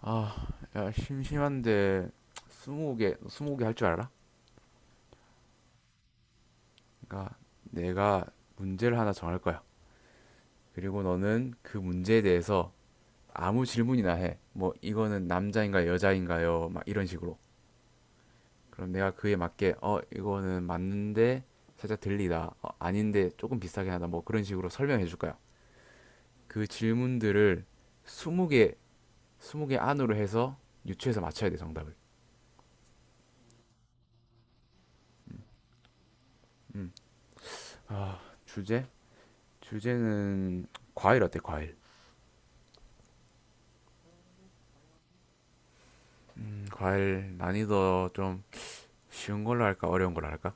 아, 야, 심심한데, 20개 20개 할 줄 알아? 그러니까 내가 문제를 하나 정할 거야. 그리고 너는 그 문제에 대해서 아무 질문이나 해. 뭐, 이거는 남자인가요, 여자인가요? 막 이런 식으로. 그럼 내가 그에 맞게, 어, 이거는 맞는데 살짝 들리다. 어, 아닌데 조금 비슷하게 하다. 뭐 그런 식으로 설명해 줄 거야. 그 질문들을 20개, 스무 개 안으로 해서 유추해서 맞춰야 돼, 정답을. 음. 아, 주제? 주제는 과일 어때, 과일? 과일 난이도 좀 쉬운 걸로 할까? 어려운 걸로 할까?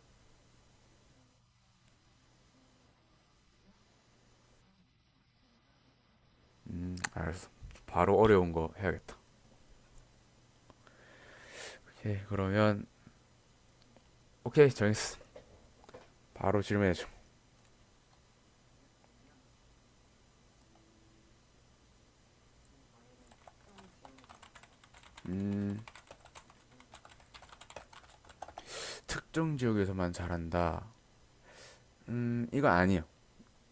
알았어. 바로 어려운 거 해야겠다. 오케이, 그러면 오케이, 정했어. 바로 질문해줘. 특정 지역에서만 자란다. 이건 아니에요.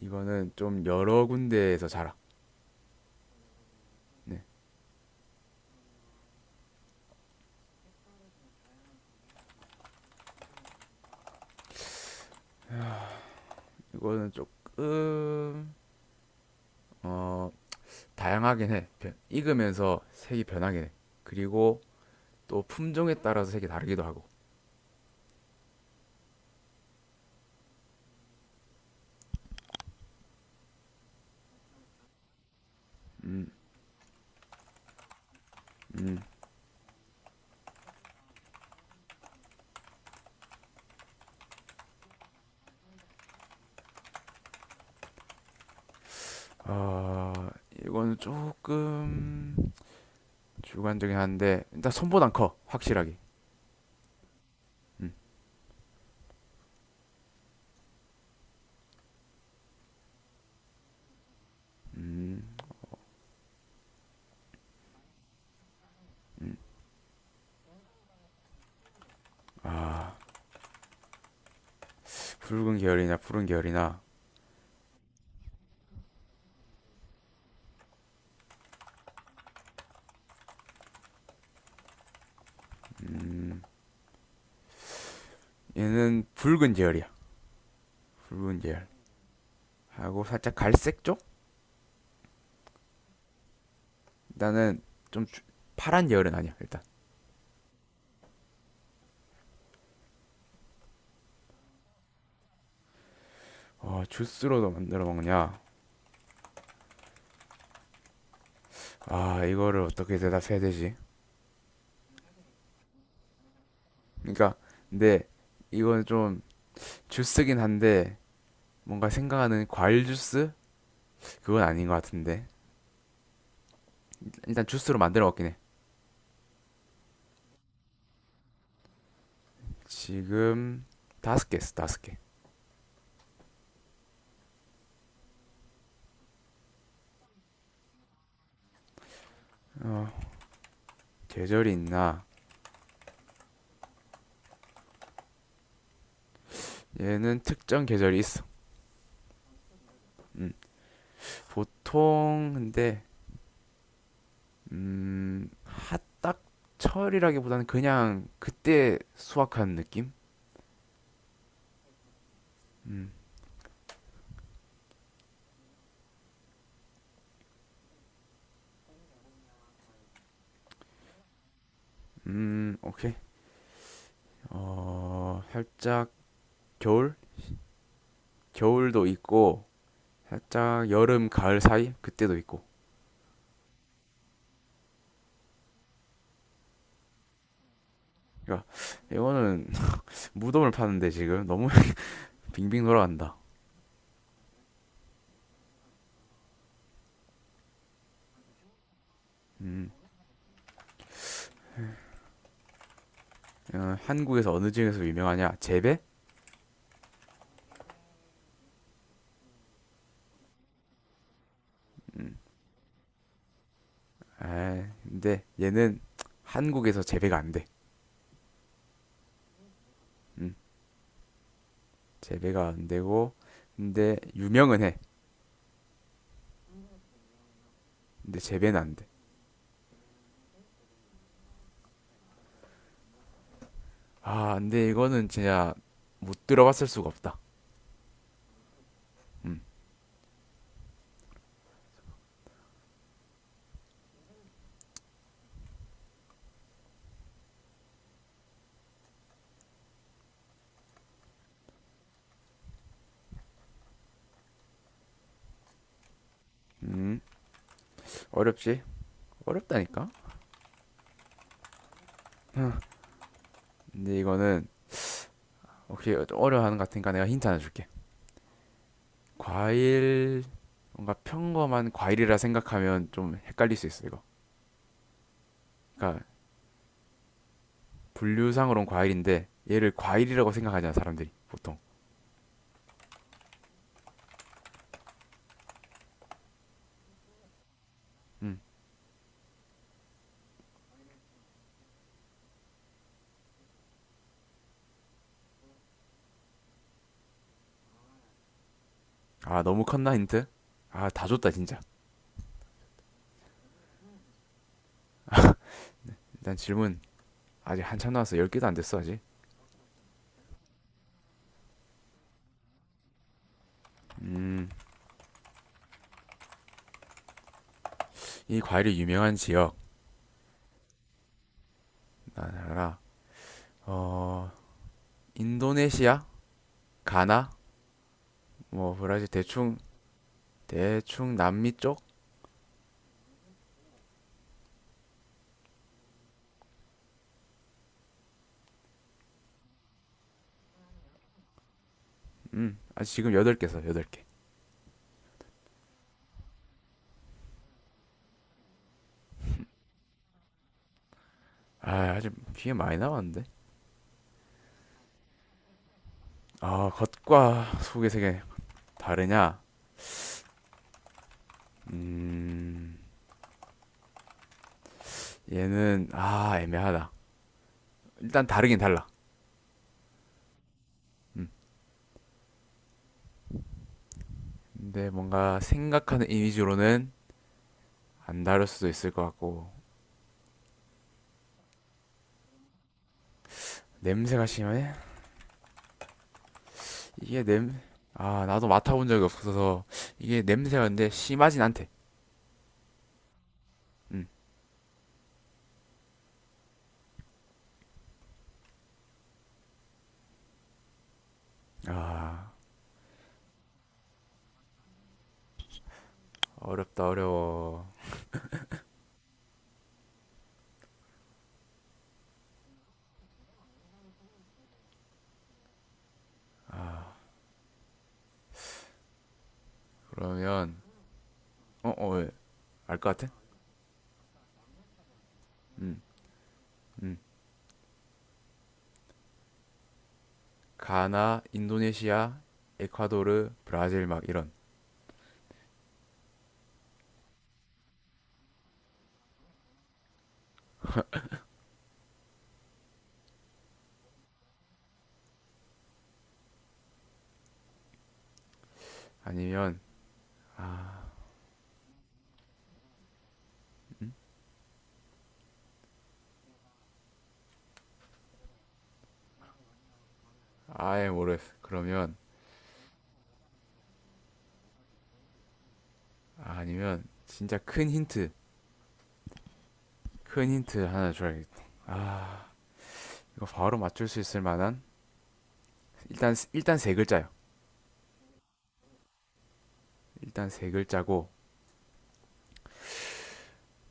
이거는 좀 여러 군데에서 자라. 네, 이거는 조금 어, 다양하긴 해. 익으면서 색이 변하긴 해. 그리고 또 품종에 따라서 색이 다르기도 하고. 아, 이건 조금 주관적이긴 한데 일단 손보단 커 확실하게. 붉은 계열이냐 푸른 계열이나 얘는 붉은 계열이야. 붉은 계열 하고 살짝 갈색 쪽? 나는 좀 파란 계열은 아니야 일단. 어, 주스로도 만들어 먹냐. 아 이거를 어떻게 대답해야 되지. 그러니까 근데 이건 좀 주스긴 한데 뭔가 생각하는 과일 주스? 그건 아닌 것 같은데. 일단 주스로 만들어 먹긴 해. 지금 5개 있어, 5개. 어, 계절이 있나? 얘는 특정 계절이 있어. 음, 보통 근데 음, 딱 철이라기보다는 그냥 그때 수확한 느낌? 음, 오케이. 어, 살짝 겨울? 겨울도 있고 살짝 여름, 가을 사이? 그때도 있고. 그러니까 이거는 무덤을 파는데 지금 너무 빙빙 돌아간다. 음, 어, 한국에서 어느 지역에서 유명하냐? 재배? 아, 근데 얘는 한국에서 재배가 안 돼. 음, 재배가 안 되고, 근데 유명은 해. 근데 재배는 안 돼. 아, 근데 이거는 진짜 못 들어봤을 수가 없다. 음, 음, 어렵지? 어렵다니까? 하, 근데 이거는 혹시 어려워하는 것 같으니까 내가 힌트 하나 줄게. 과일, 뭔가 평범한 과일이라 생각하면 좀 헷갈릴 수 있어, 이거. 그러니까 분류상으로는 과일인데 얘를 과일이라고 생각하잖아, 사람들이 보통. 음, 아, 너무 컸나, 힌트? 아, 다 줬다, 진짜. 일단 질문. 아직 한참 남왔어. 10개도 안 됐어, 아직. 음, 이 과일이 유명한 지역. 나라. 어, 인도네시아? 가나? 뭐, 브라질, 대충, 대충 남미 쪽? 아, 지금 8개 써, 8개. 아, 아직 뒤에 많이 남았는데? 아, 겉과 속의 세계 다르냐? 음, 얘는, 아, 애매하다. 일단 다르긴 달라. 음, 근데 뭔가 생각하는 이미지로는 안 다를 수도 있을 것 같고. 냄새가 심해? 이게 냄... 아 나도 맡아본 적이 없어서. 이게 냄새가 근데 심하진 않대. 음. 아 어렵다 어려워. 그러면 어? 어? 왜? 알 것 같아? 음, 음. 가나, 인도네시아, 에콰도르, 브라질 막 이런. 아니면 아예 모르겠어 그러면. 아니면 진짜 큰 힌트. 큰 힌트 하나 줘야겠다. 아 이거 바로 맞출 수 있을 만한. 일단 세 글자야. 일단 세 글자고,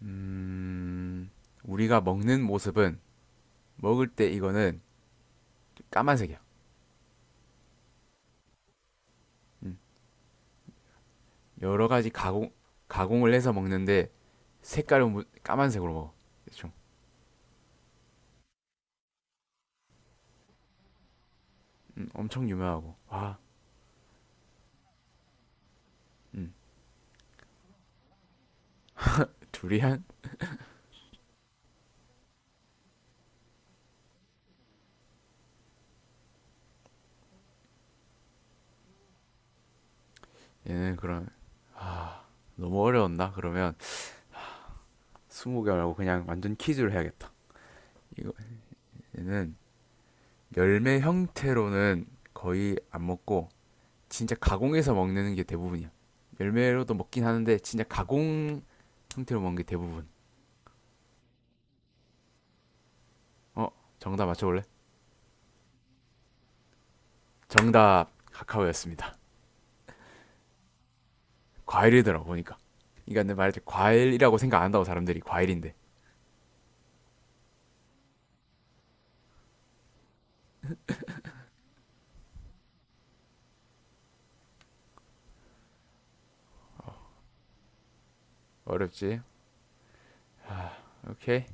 음, 우리가 먹는 모습은, 먹을 때 이거는 까만색이야. 음, 여러 가지 가공을 해서 먹는데, 색깔은 까만색으로 먹어. 대충. 엄청 유명하고. 와, 음, 두리안? 얘는 그런. 너무 어려웠나? 그러면, 20개 말고 그냥 완전 퀴즈를 해야겠다. 이거, 얘는 열매 형태로는 거의 안 먹고, 진짜 가공해서 먹는 게 대부분이야. 열매로도 먹긴 하는데 진짜 가공 형태로 먹는 게 대부분. 어, 정답 맞춰볼래? 정답 카카오였습니다. 과일이더라 보니까. 그러니까 내 말했지 과일이라고 생각 안 한다고 사람들이. 과일인데 어렵지. 오케이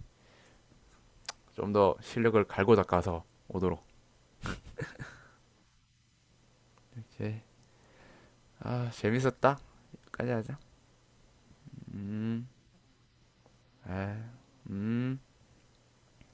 좀 더 실력을 갈고 닦아서 오도록. 이제 아 재밌었다. 여기까지 하자. 아, 음.